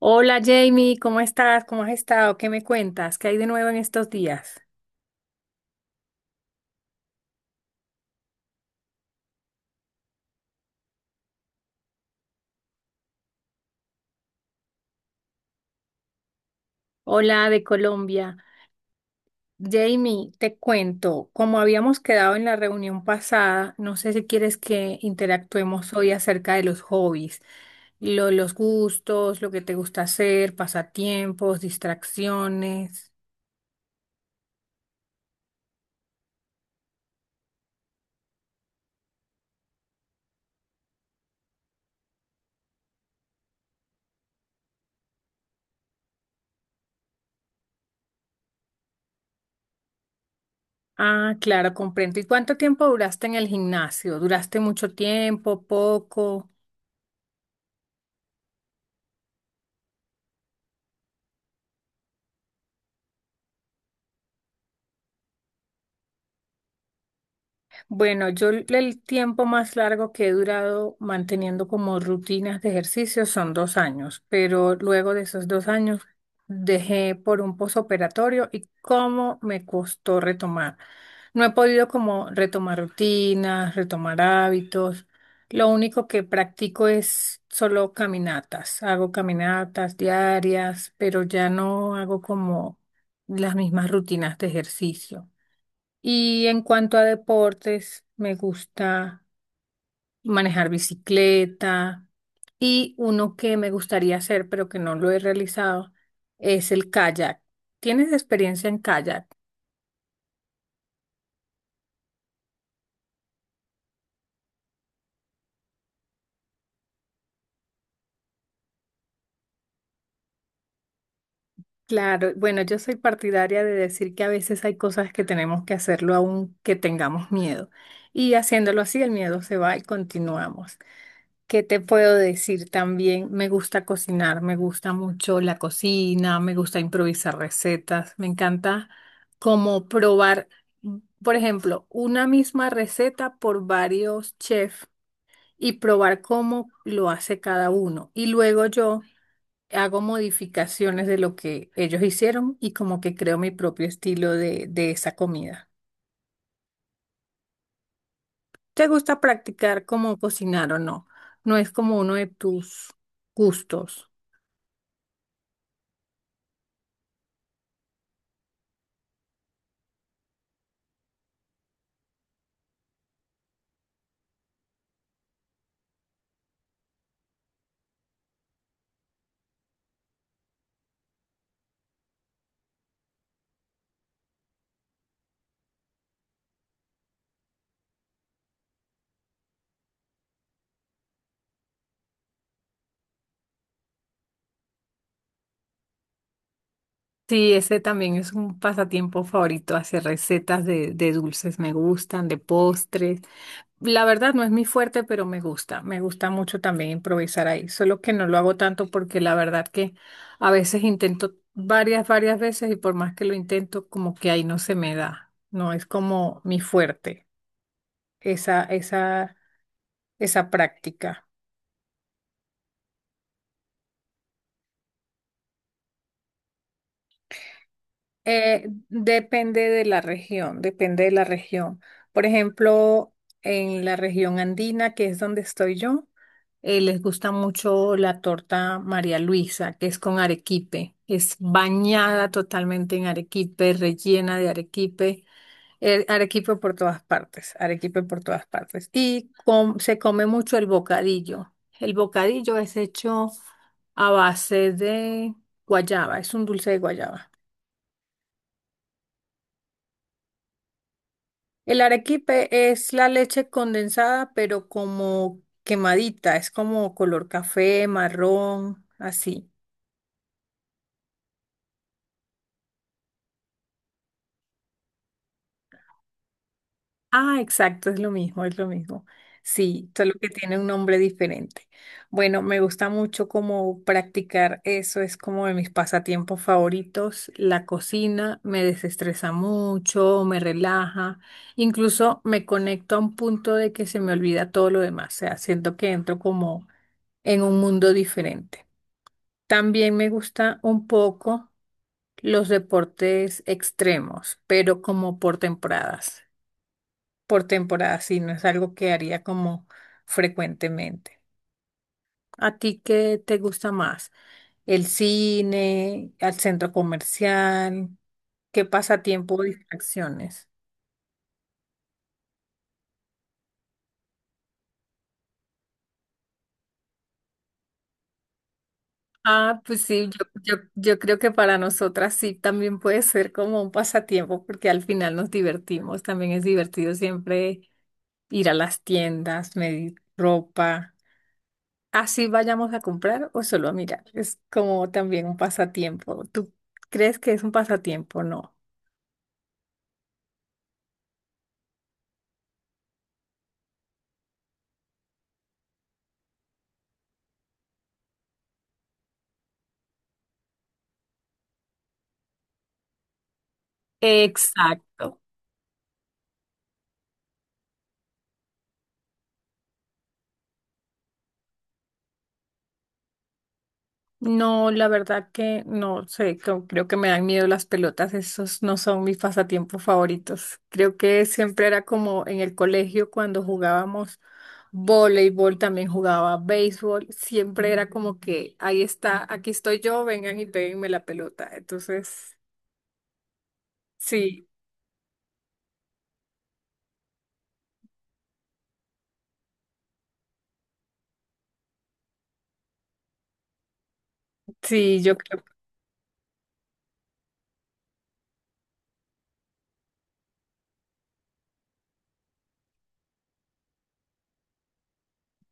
Hola Jamie, ¿cómo estás? ¿Cómo has estado? ¿Qué me cuentas? ¿Qué hay de nuevo en estos días? Hola de Colombia. Jamie, te cuento, como habíamos quedado en la reunión pasada, no sé si quieres que interactuemos hoy acerca de los hobbies, los gustos, lo que te gusta hacer, pasatiempos, distracciones. Ah, claro, comprendo. ¿Y cuánto tiempo duraste en el gimnasio? ¿Duraste mucho tiempo, poco? Bueno, yo el tiempo más largo que he durado manteniendo como rutinas de ejercicio son 2 años, pero luego de esos 2 años dejé por un posoperatorio y cómo me costó retomar. No he podido como retomar rutinas, retomar hábitos. Lo único que practico es solo caminatas. Hago caminatas diarias, pero ya no hago como las mismas rutinas de ejercicio. Y en cuanto a deportes, me gusta manejar bicicleta y uno que me gustaría hacer, pero que no lo he realizado, es el kayak. ¿Tienes experiencia en kayak? Claro, bueno, yo soy partidaria de decir que a veces hay cosas que tenemos que hacerlo aunque tengamos miedo. Y haciéndolo así, el miedo se va y continuamos. ¿Qué te puedo decir también? Me gusta cocinar, me gusta mucho la cocina, me gusta improvisar recetas, me encanta como probar, mm, por ejemplo, una misma receta por varios chefs y probar cómo lo hace cada uno. Y luego yo hago modificaciones de lo que ellos hicieron y como que creo mi propio estilo de esa comida. ¿Te gusta practicar cómo cocinar o no? No es como uno de tus gustos. Sí, ese también es un pasatiempo favorito, hacer recetas de dulces, me gustan, de postres. La verdad no es mi fuerte, pero me gusta mucho también improvisar ahí, solo que no lo hago tanto porque la verdad que a veces intento varias veces y por más que lo intento, como que ahí no se me da, no es como mi fuerte, esa, esa, esa práctica. Depende de la región, depende de la región. Por ejemplo, en la región andina, que es donde estoy yo, les gusta mucho la torta María Luisa, que es con arequipe. Es bañada totalmente en arequipe, rellena de arequipe. El arequipe por todas partes, arequipe por todas partes. Y se come mucho el bocadillo. El bocadillo es hecho a base de guayaba, es un dulce de guayaba. El arequipe es la leche condensada, pero como quemadita, es como color café, marrón, así. Ah, exacto, es lo mismo, es lo mismo. Sí, solo que tiene un nombre diferente. Bueno, me gusta mucho como practicar eso, es como de mis pasatiempos favoritos. La cocina me desestresa mucho, me relaja, incluso me conecto a un punto de que se me olvida todo lo demás, o sea, siento que entro como en un mundo diferente. También me gusta un poco los deportes extremos, pero como por temporadas. Por temporadas, sí, no es algo que haría como frecuentemente. ¿A ti qué te gusta más? ¿El cine, al centro comercial? ¿Qué pasatiempo o distracciones? Ah, pues sí, yo creo que para nosotras sí también puede ser como un pasatiempo porque al final nos divertimos. También es divertido siempre ir a las tiendas, medir ropa. Así vayamos a comprar o solo a mirar. Es como también un pasatiempo. ¿Tú crees que es un pasatiempo? No. Exacto. No, la verdad que no sé, creo que me dan miedo las pelotas, esos no son mis pasatiempos favoritos. Creo que siempre era como en el colegio cuando jugábamos voleibol, también jugaba béisbol, siempre era como que ahí está, aquí estoy yo, vengan y péguenme la pelota. Entonces sí, sí, yo creo,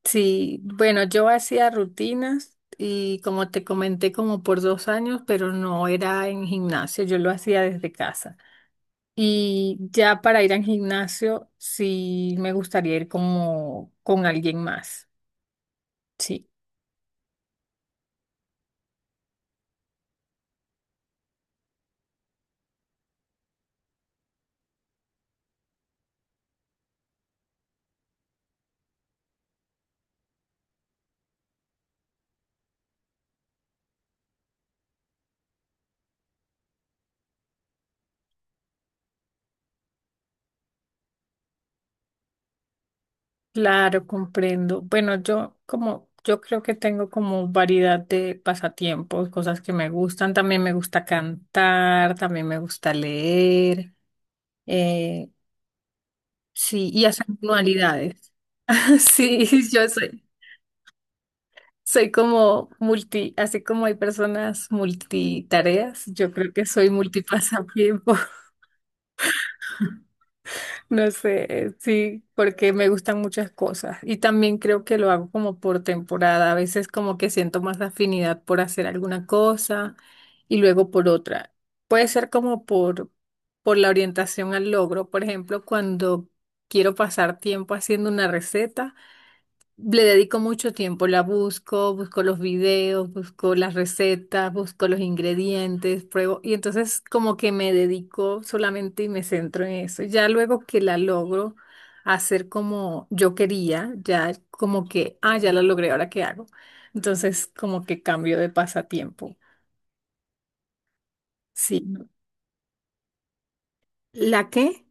sí, bueno, yo hacía rutinas y como te comenté, como por 2 años, pero no era en gimnasio, yo lo hacía desde casa. Y ya para ir al gimnasio, sí me gustaría ir como con alguien más. Sí, claro, comprendo. Bueno, yo como, yo creo que tengo como variedad de pasatiempos, cosas que me gustan. También me gusta cantar, también me gusta leer. Eh, Sí, y hacer modalidades. Sí, yo soy, soy como multi, así como hay personas multitareas, yo creo que soy multipasatiempo, no sé, sí, porque me gustan muchas cosas y también creo que lo hago como por temporada, a veces como que siento más afinidad por hacer alguna cosa y luego por otra. Puede ser como por la orientación al logro, por ejemplo, cuando quiero pasar tiempo haciendo una receta. Le dedico mucho tiempo, la busco, busco los videos, busco las recetas, busco los ingredientes, pruebo y entonces como que me dedico solamente y me centro en eso. Ya luego que la logro hacer como yo quería, ya como que, ah, ya la logré, ahora qué hago. Entonces como que cambio de pasatiempo. Sí. ¿La qué?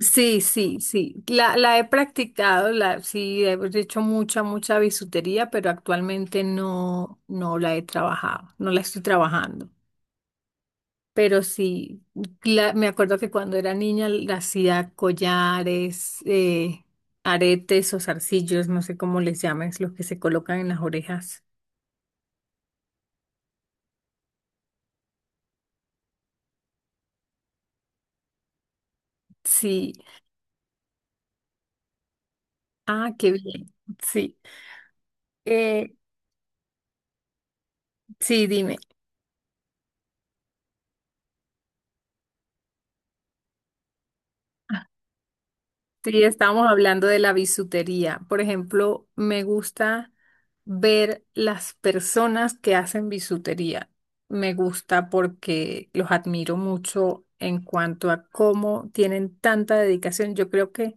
Sí, sí, sí. La he practicado, la, sí, he hecho mucha, mucha bisutería, pero actualmente no, no la he trabajado, no la estoy trabajando. Pero sí, me acuerdo que cuando era niña la hacía collares, aretes o zarcillos, no sé cómo les llaman, es los que se colocan en las orejas. Sí. Ah, qué bien. Sí. Eh, sí, dime. Sí, estábamos hablando de la bisutería. Por ejemplo, me gusta ver las personas que hacen bisutería. Me gusta porque los admiro mucho en cuanto a cómo tienen tanta dedicación. Yo creo que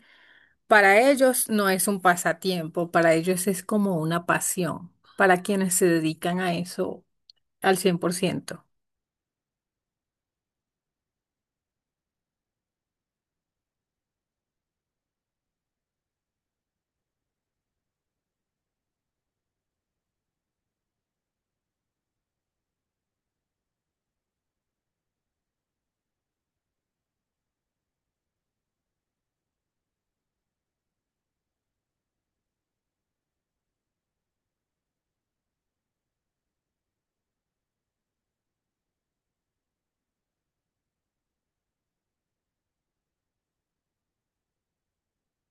para ellos no es un pasatiempo, para ellos es como una pasión, para quienes se dedican a eso al 100%.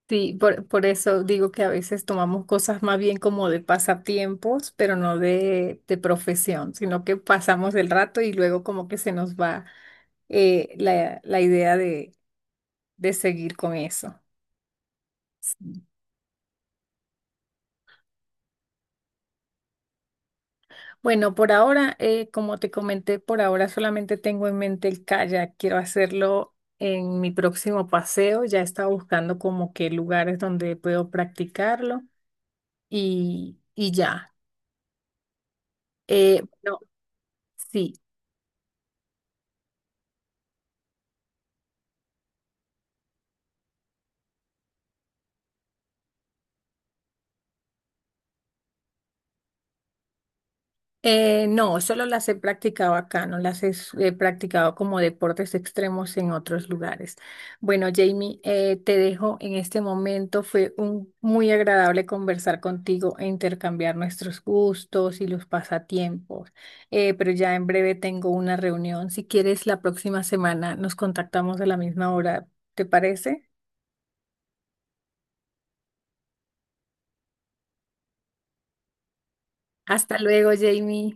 Sí, por eso digo que a veces tomamos cosas más bien como de pasatiempos, pero no de profesión, sino que pasamos el rato y luego como que se nos va la idea de seguir con eso. Sí. Bueno, por ahora, como te comenté, por ahora solamente tengo en mente el kayak. Quiero hacerlo en mi próximo paseo. Ya estaba buscando como que lugares donde puedo practicarlo y ya. Bueno, sí. No, solo las he practicado acá, no las he, he practicado como deportes extremos en otros lugares. Bueno, Jamie, te dejo en este momento. Fue muy agradable conversar contigo e intercambiar nuestros gustos y los pasatiempos. Pero ya en breve tengo una reunión. Si quieres, la próxima semana nos contactamos a la misma hora. ¿Te parece? Hasta luego, Jamie.